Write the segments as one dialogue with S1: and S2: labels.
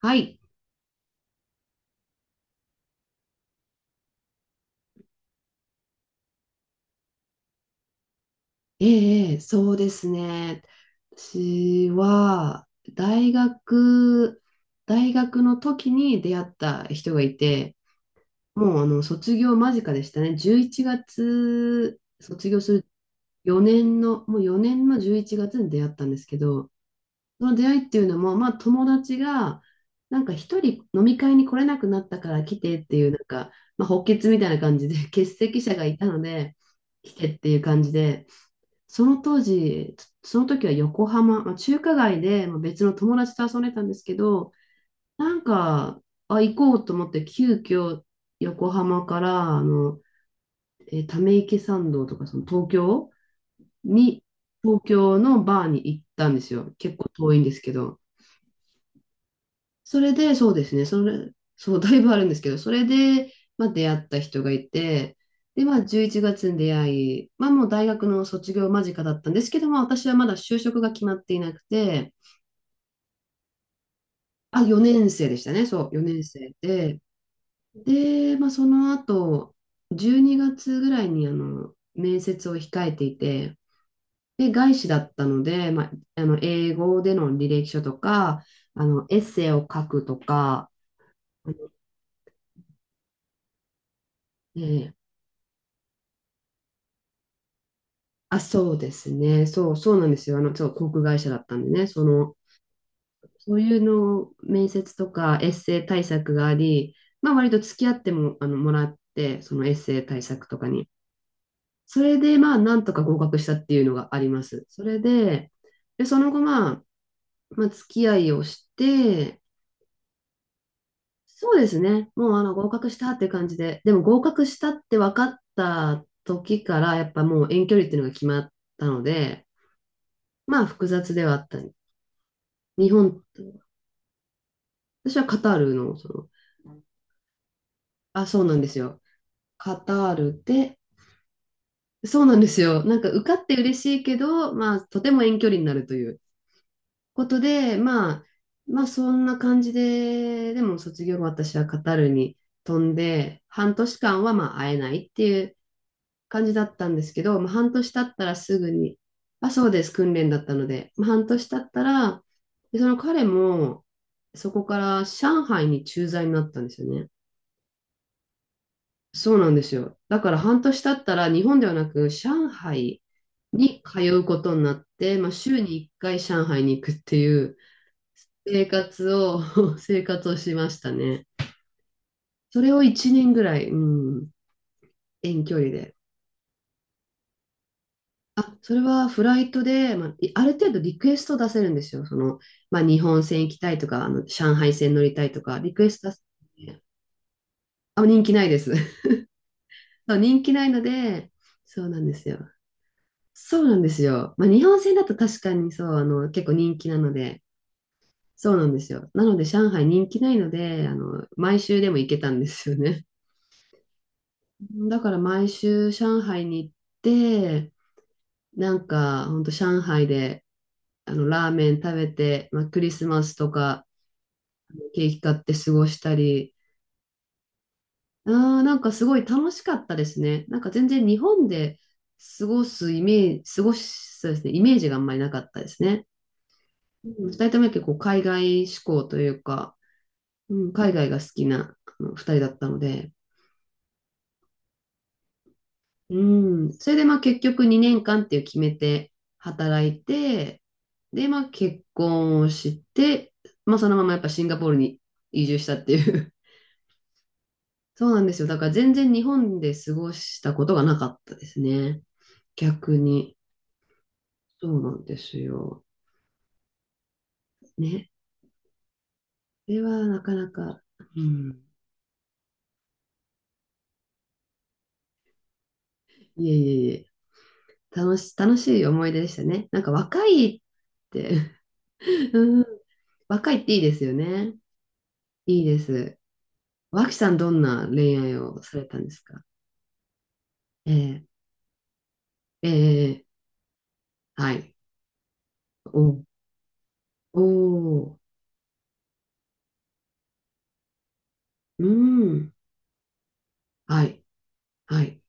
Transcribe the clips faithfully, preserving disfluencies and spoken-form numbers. S1: はい。ええ、ええ、そうですね。私は、大学、大学の時に出会った人がいて、もうあの卒業間近でしたね。じゅういちがつ、卒業するよねんの、もうよねんのじゅういちがつに出会ったんですけど、その出会いっていうのも、まあ友達が、なんか一人飲み会に来れなくなったから来てっていう、なんか、まあ、補欠みたいな感じで、欠席者がいたので、来てっていう感じで、その当時、その時は横浜、まあ、中華街でまあ別の友達と遊んでたんですけど、なんか、あ、行こうと思って、急遽横浜から、あの、えーため池参道とか、その東京に、東京のバーに行ったんですよ。結構遠いんですけど。それで、そうですね、それ、そう、だいぶあるんですけど、それで、まあ、出会った人がいて、で、まあ、じゅういちがつに出会い、まあ、もう大学の卒業間近だったんですけど、まあ、私はまだ就職が決まっていなくて、あ、よねん生でしたね、そう、よねん生で、で、まあ、その後、じゅうにがつぐらいに、あの、面接を控えていて、で、外資だったので、まあ、あの、英語での履歴書とか、あの、エッセイを書くとか、えーあ、そうですね。そう、そうなんですよ。あの、そう、航空会社だったんでね、その、そういうの、面接とかエッセイ対策があり、まあ、割と付き合っても、あの、もらって、そのエッセイ対策とかに。それで、まあ、なんとか合格したっていうのがあります。それで、で、その後、まあ、まあ、付き合いをして、そうですね。もう、あの、合格したって感じで、でも合格したって分かった時から、やっぱもう遠距離っていうのが決まったので、まあ、複雑ではあったん日本と、私はカタールの、その、あ、そうなんですよ。カタールで、そうなんですよ。なんか受かって嬉しいけど、まあ、とても遠距離になるということで、まあ、まあ、そんな感じで、でも卒業後私はカタールに飛んで、はんとしかんはまあ会えないっていう感じだったんですけど、まあ、半年経ったらすぐに、あ、そうです、訓練だったので、まあ、半年経ったら、でその彼も、そこから上海に駐在になったんですよね。そうなんですよ。だから半年経ったら日本ではなく上海に通うことになって、まあ、週にいっかい上海に行くっていう生活を 生活をしましたね。それをいちねんぐらい、うん、遠距離で。あ、それはフライトで、まあ、いある程度リクエスト出せるんですよ。その、まあ、日本線行きたいとか、あの上海線乗りたいとか、リクエスト出せるんで、あ、人気ないです。そう人気ないので、そうなんですよ。そうなんですよ。まあ、日本製だと確かにそう、あの、結構人気なので、そうなんですよ。なので、上海人気ないので、あの、毎週でも行けたんですよね。だから毎週上海に行って、なんか、ほんと上海で、あの、ラーメン食べて、まあ、クリスマスとか、ケーキ買って過ごしたり、あー、なんかすごい楽しかったですね。なんか全然日本で過ごすイメージ、過ごし、そうですね、イメージがあんまりなかったですね。うん、二人とも結構海外志向というか、うん、海外が好きなあの二人だったので、うん、それでまあ結局にねんかんっていう決めて働いて、でまあ結婚をして、まあそのままやっぱシンガポールに移住したっていう。そうなんですよ。だから全然日本で過ごしたことがなかったですね。逆に。そうなんですよ。ね。それはなかなか、うん。いえいえいえ。楽し、楽しい思い出でしたね。なんか若いって うん、若いっていいですよね。いいです。脇さん、どんな恋愛をされたんですか？ええ、ええ、はい。お、おー、うん、はい、はい。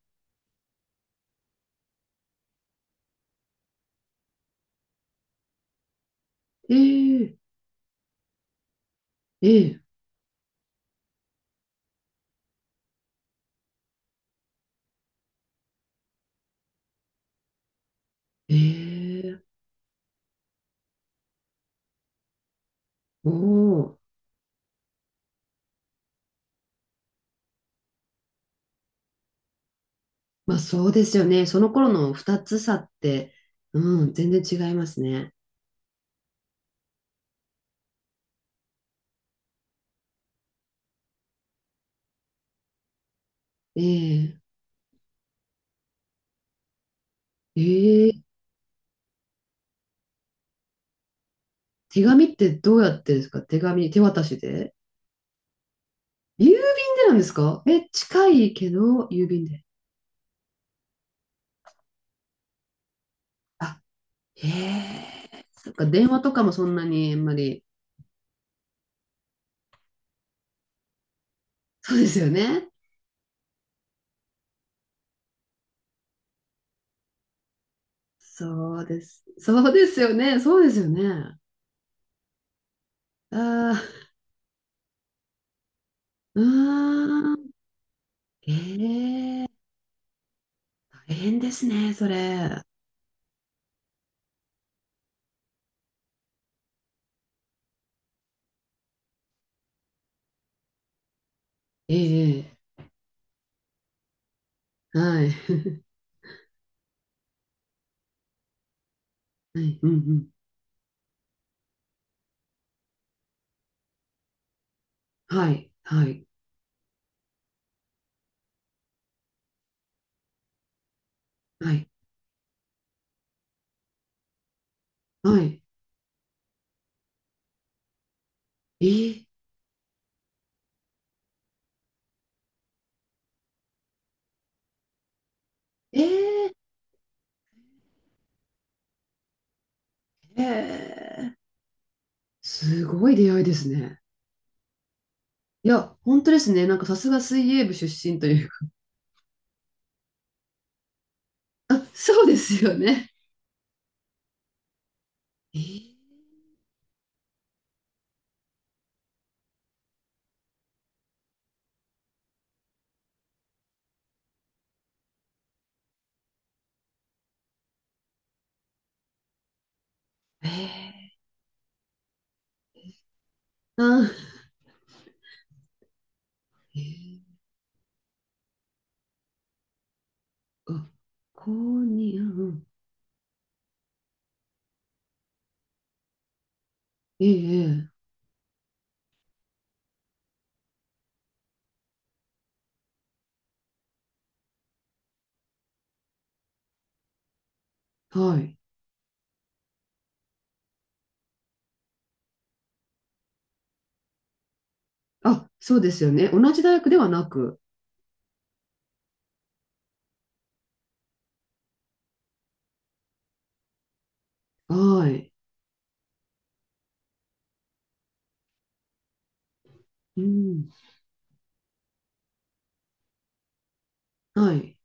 S1: ええ、ええ、ええ、お、おー、まあ、そうですよね。その頃のふたつ差って、うん、全然違いますね。ええ、ええ、手紙ってどうやってですか？手紙、手渡しで？郵便でなんですか？え、近いけど、郵便で。あ、へえ。そっか、電話とかもそんなにあんまり。そうですよね。そうです。そうですよね。そうですよね。ああ、うーん。ええ、大変ですね、それ。ええ、はい。はい、うんうん。はい、はい、はい、はい。ええ、ええ、ええ、すごい出会いですね。いや、本当ですね。なんかさすが水泳部出身という。あ、そうですよね。えー、えー、あ、えー、あ、高二、うんうん、ええ、ええ、はい。あ、そうですよね。同じ大学ではなく。はい。うん、はい。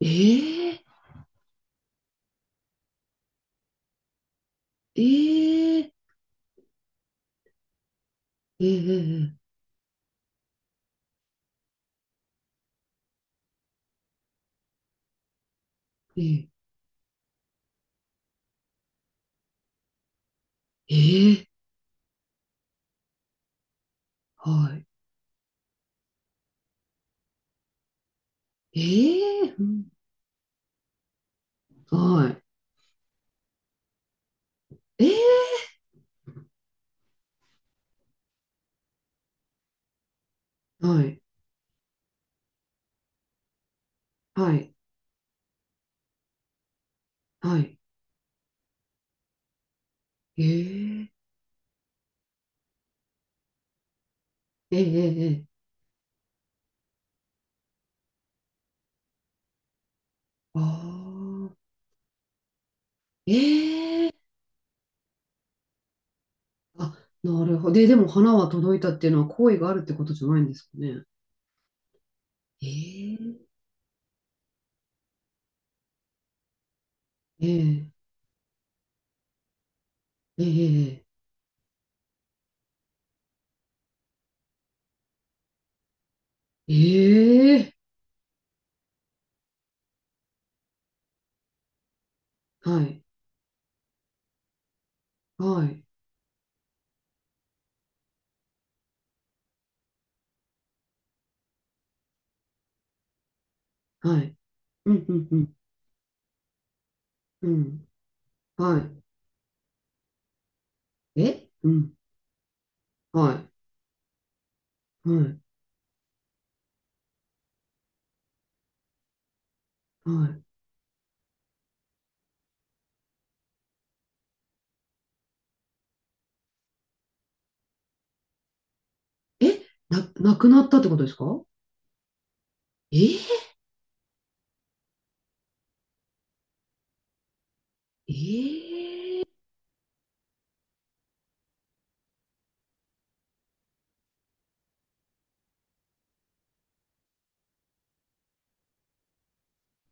S1: ええ、ええ、ええ、ええ、ええ、ええ、はい。ええ、うん、はい。ええ、はい、はい、はい。ええ、ええ、ええ、ええ、ああ、ええ、あ、なるほど。で、でも花は届いたっていうのは好意があるってことじゃないんですかね？ええ、ええ、ええ、えー、えー、はい、はい、はい。うん、うん、うん、うん、はい。え、うん、はい、はい、はい。え、な、なくなったってことですか？ええ、えー